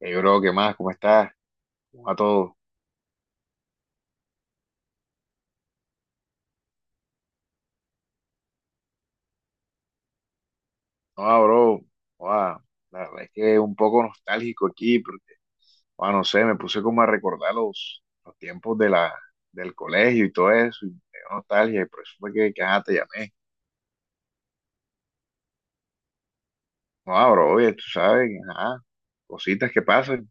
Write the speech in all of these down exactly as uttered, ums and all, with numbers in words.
Hey, bro, ¿qué más? ¿Cómo estás? ¿Cómo va todo? No, bro, joda, la verdad es que un poco nostálgico aquí, porque, joda, no sé, me puse como a recordar los, los tiempos de la, del colegio y todo eso, y me dio nostalgia, y por eso fue que, que ajá, te llamé. No, bro, oye, tú sabes, ajá, cositas que pasan,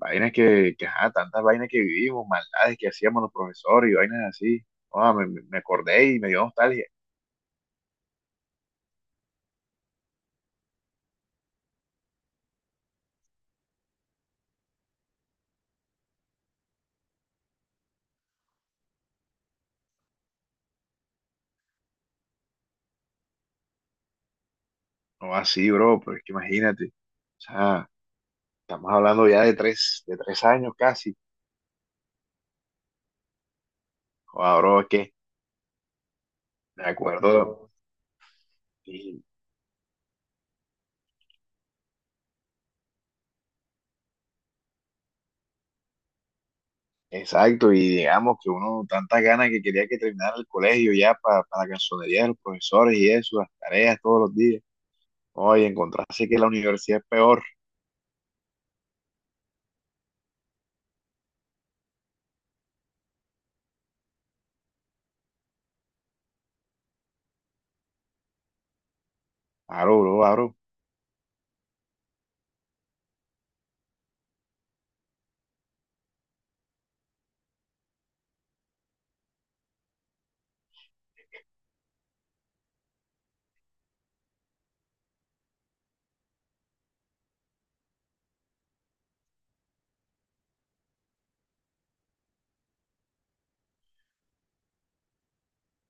vainas que, que, ajá, tantas vainas que vivimos, maldades que hacíamos los profesores y vainas así. Joda, me, me me acordé y me dio nostalgia. No, así, bro, pero es que imagínate, o sea. Estamos hablando ya de tres, de tres años casi. O ahora que me acuerdo. y- exacto, y digamos que uno, tantas ganas que quería que terminara el colegio ya para, para la cansonería de los profesores y eso, las tareas todos los días. Oye, encontrarse que la universidad es peor. Aro, bro, aro.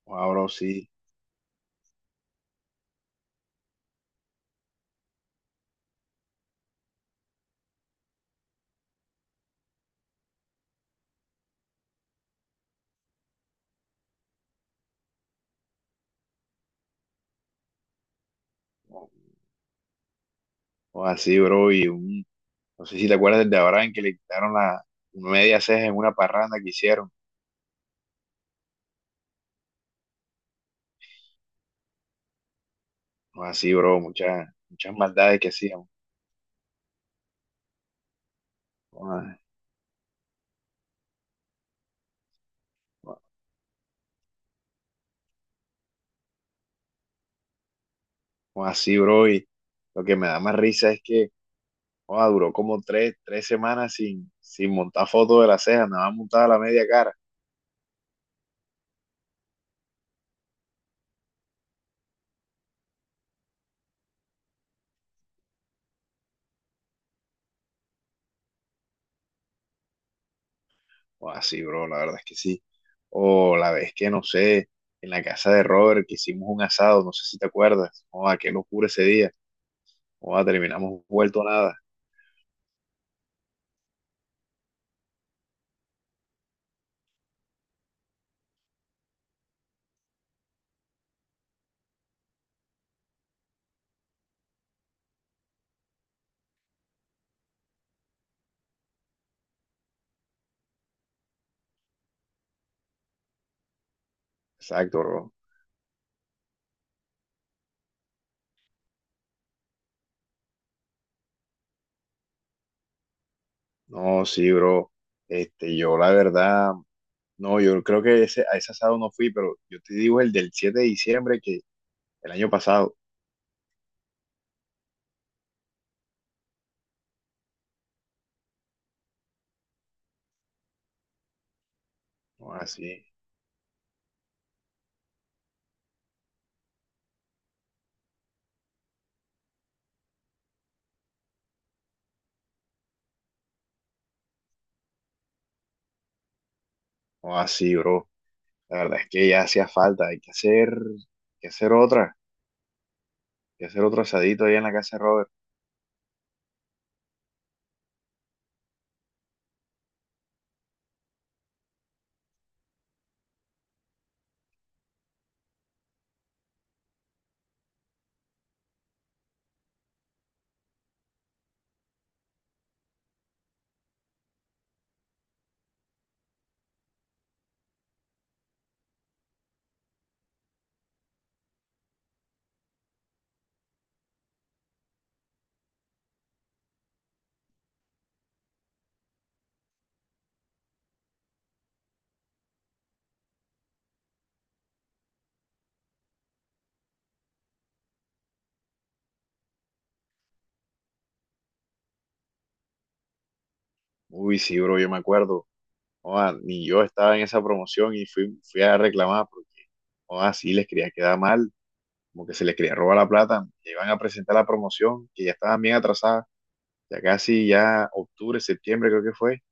O sí. O así, bro. Y un, no sé si te acuerdas del de Abraham que le quitaron la media ceja en una parranda que hicieron. O así, bro. Muchas, muchas maldades que hacíamos. O así, bro, y lo que me da más risa es que joda, duró como tres, tres semanas sin, sin montar fotos de la ceja, nada más montada la media cara. O así, bro, la verdad es que sí. O la vez que, no sé, en la casa de Robert que hicimos un asado, no sé si te acuerdas. Joda, qué locura ese día. Joda, terminamos vuelto nada. Exacto, bro. No, sí, bro. Este, yo la verdad, no, yo creo que ese, a ese asado no fui, pero yo te digo el del siete de diciembre que el año pasado. O así, o así, bro. La verdad es que ya hacía falta, hay que hacer, que hacer otra, hay que hacer otro asadito ahí en la casa de Robert. Uy, sí, bro, yo me acuerdo. Joda, ni yo estaba en esa promoción y fui, fui a reclamar porque, joda, sí, les quería quedar mal, como que se les quería robar la plata. Que iban a presentar la promoción, que ya estaban bien atrasadas, ya casi ya octubre, septiembre creo que fue,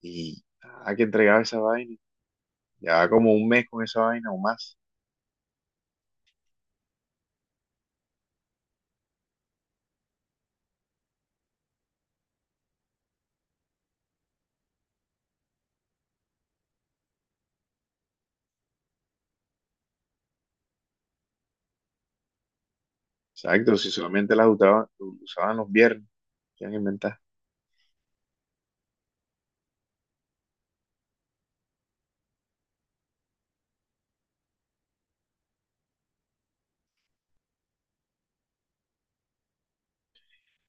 y nada que entregaba esa vaina. Ya como un mes con esa vaina o más. Exacto, si solamente la usaban, usaban los viernes, ¿qué han inventado?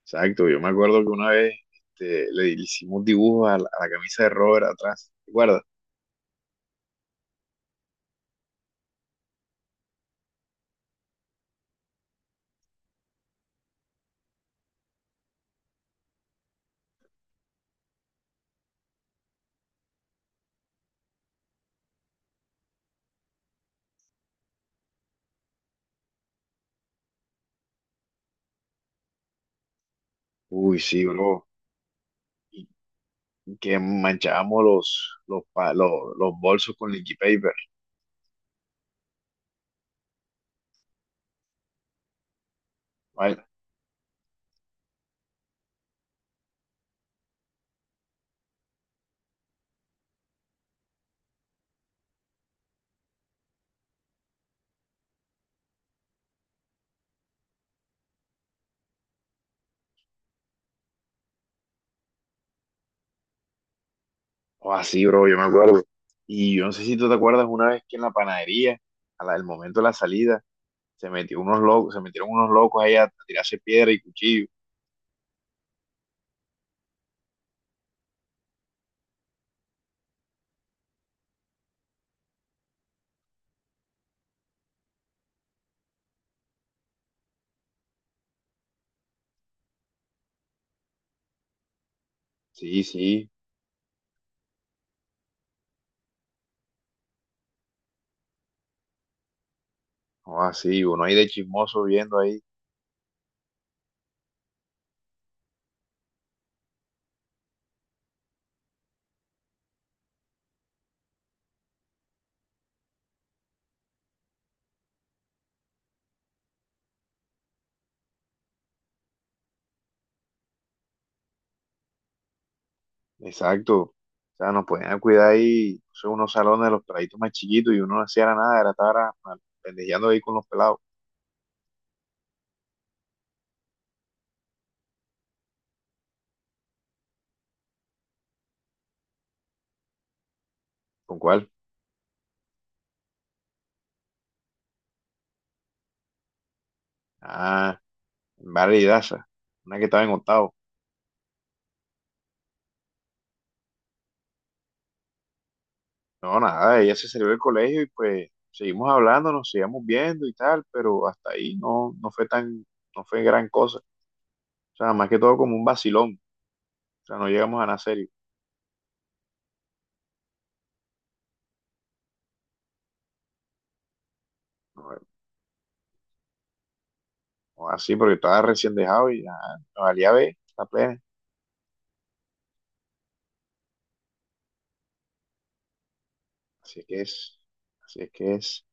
Exacto, yo me acuerdo que una vez este, le hicimos dibujos a la, a la camisa de Robert atrás, ¿te acuerdas? Uy, sí, bro, y y que manchábamos los, los, pa- los, los bolsos con liquid paper, ¿vale? O así, bro, yo me acuerdo. Y yo no sé si tú te acuerdas una vez que en la panadería, a la- al momento de la salida, se metió unos locos, se metieron unos locos ahí a, a tirarse piedra y cuchillo. Sí, sí, o así, uno ahí de chismoso viendo ahí. Exacto. O sea, nos ponían a cuidar ahí, no sé, unos salones de los peladitos más chiquitos y uno no hacía nada, era estar a- a- pendejeando ahí con los pelados. ¿Con cuál? Ah, Vale y Daza, una que estaba en octavo. No, nada, ella se salió del colegio y pues seguimos hablando, nos seguíamos viendo y tal, pero hasta ahí no, no fue tan, no fue gran cosa. O sea, más que todo como un vacilón. O sea, no llegamos a nada serio. No, no así porque estaba recién dejado y ah, nos valía ver, la plena. Así es que es, así es que es.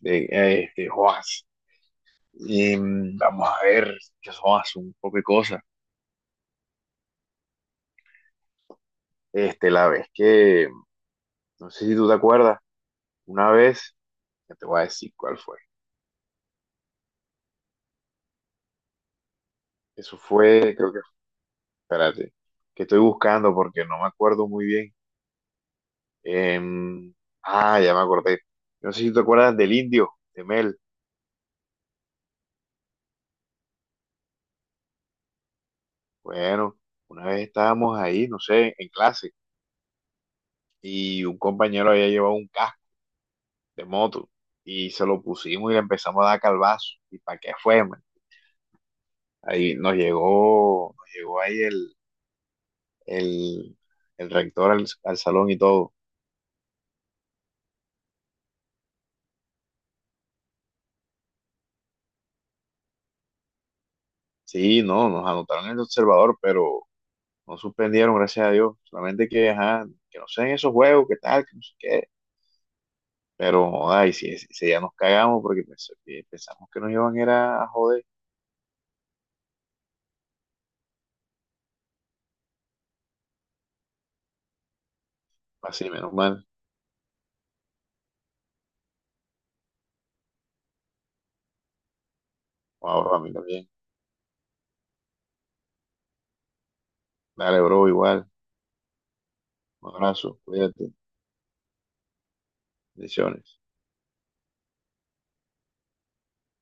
De, eh, de Joas. Y mm, vamos a ver, que son un poco de cosas. Este, la vez que, no sé si tú te acuerdas, una vez, ya te voy a decir cuál fue. Eso fue, creo que, espérate, que estoy buscando porque no me acuerdo muy bien. Em, ah, ya me acordé. No sé si te acuerdas del indio, de Mel. Bueno, una vez estábamos ahí, no sé, en clase, y un compañero había llevado un casco de moto y se lo pusimos y le empezamos a dar calvazo. ¿Y para qué fue, man? Ahí nos llegó, nos llegó ahí el, el, el rector al, al salón y todo. Sí, no, nos anotaron en el observador, pero no suspendieron, gracias a Dios. Solamente que, ajá, que no sean esos juegos, que tal, que no sé qué. Pero, ay, sí, sí, sí, ya nos cagamos porque pens- que pensamos que nos iban era a joder. Así, menos mal. Wow, a mí también. Dale, bro, igual. Un abrazo, cuídate. Bendiciones.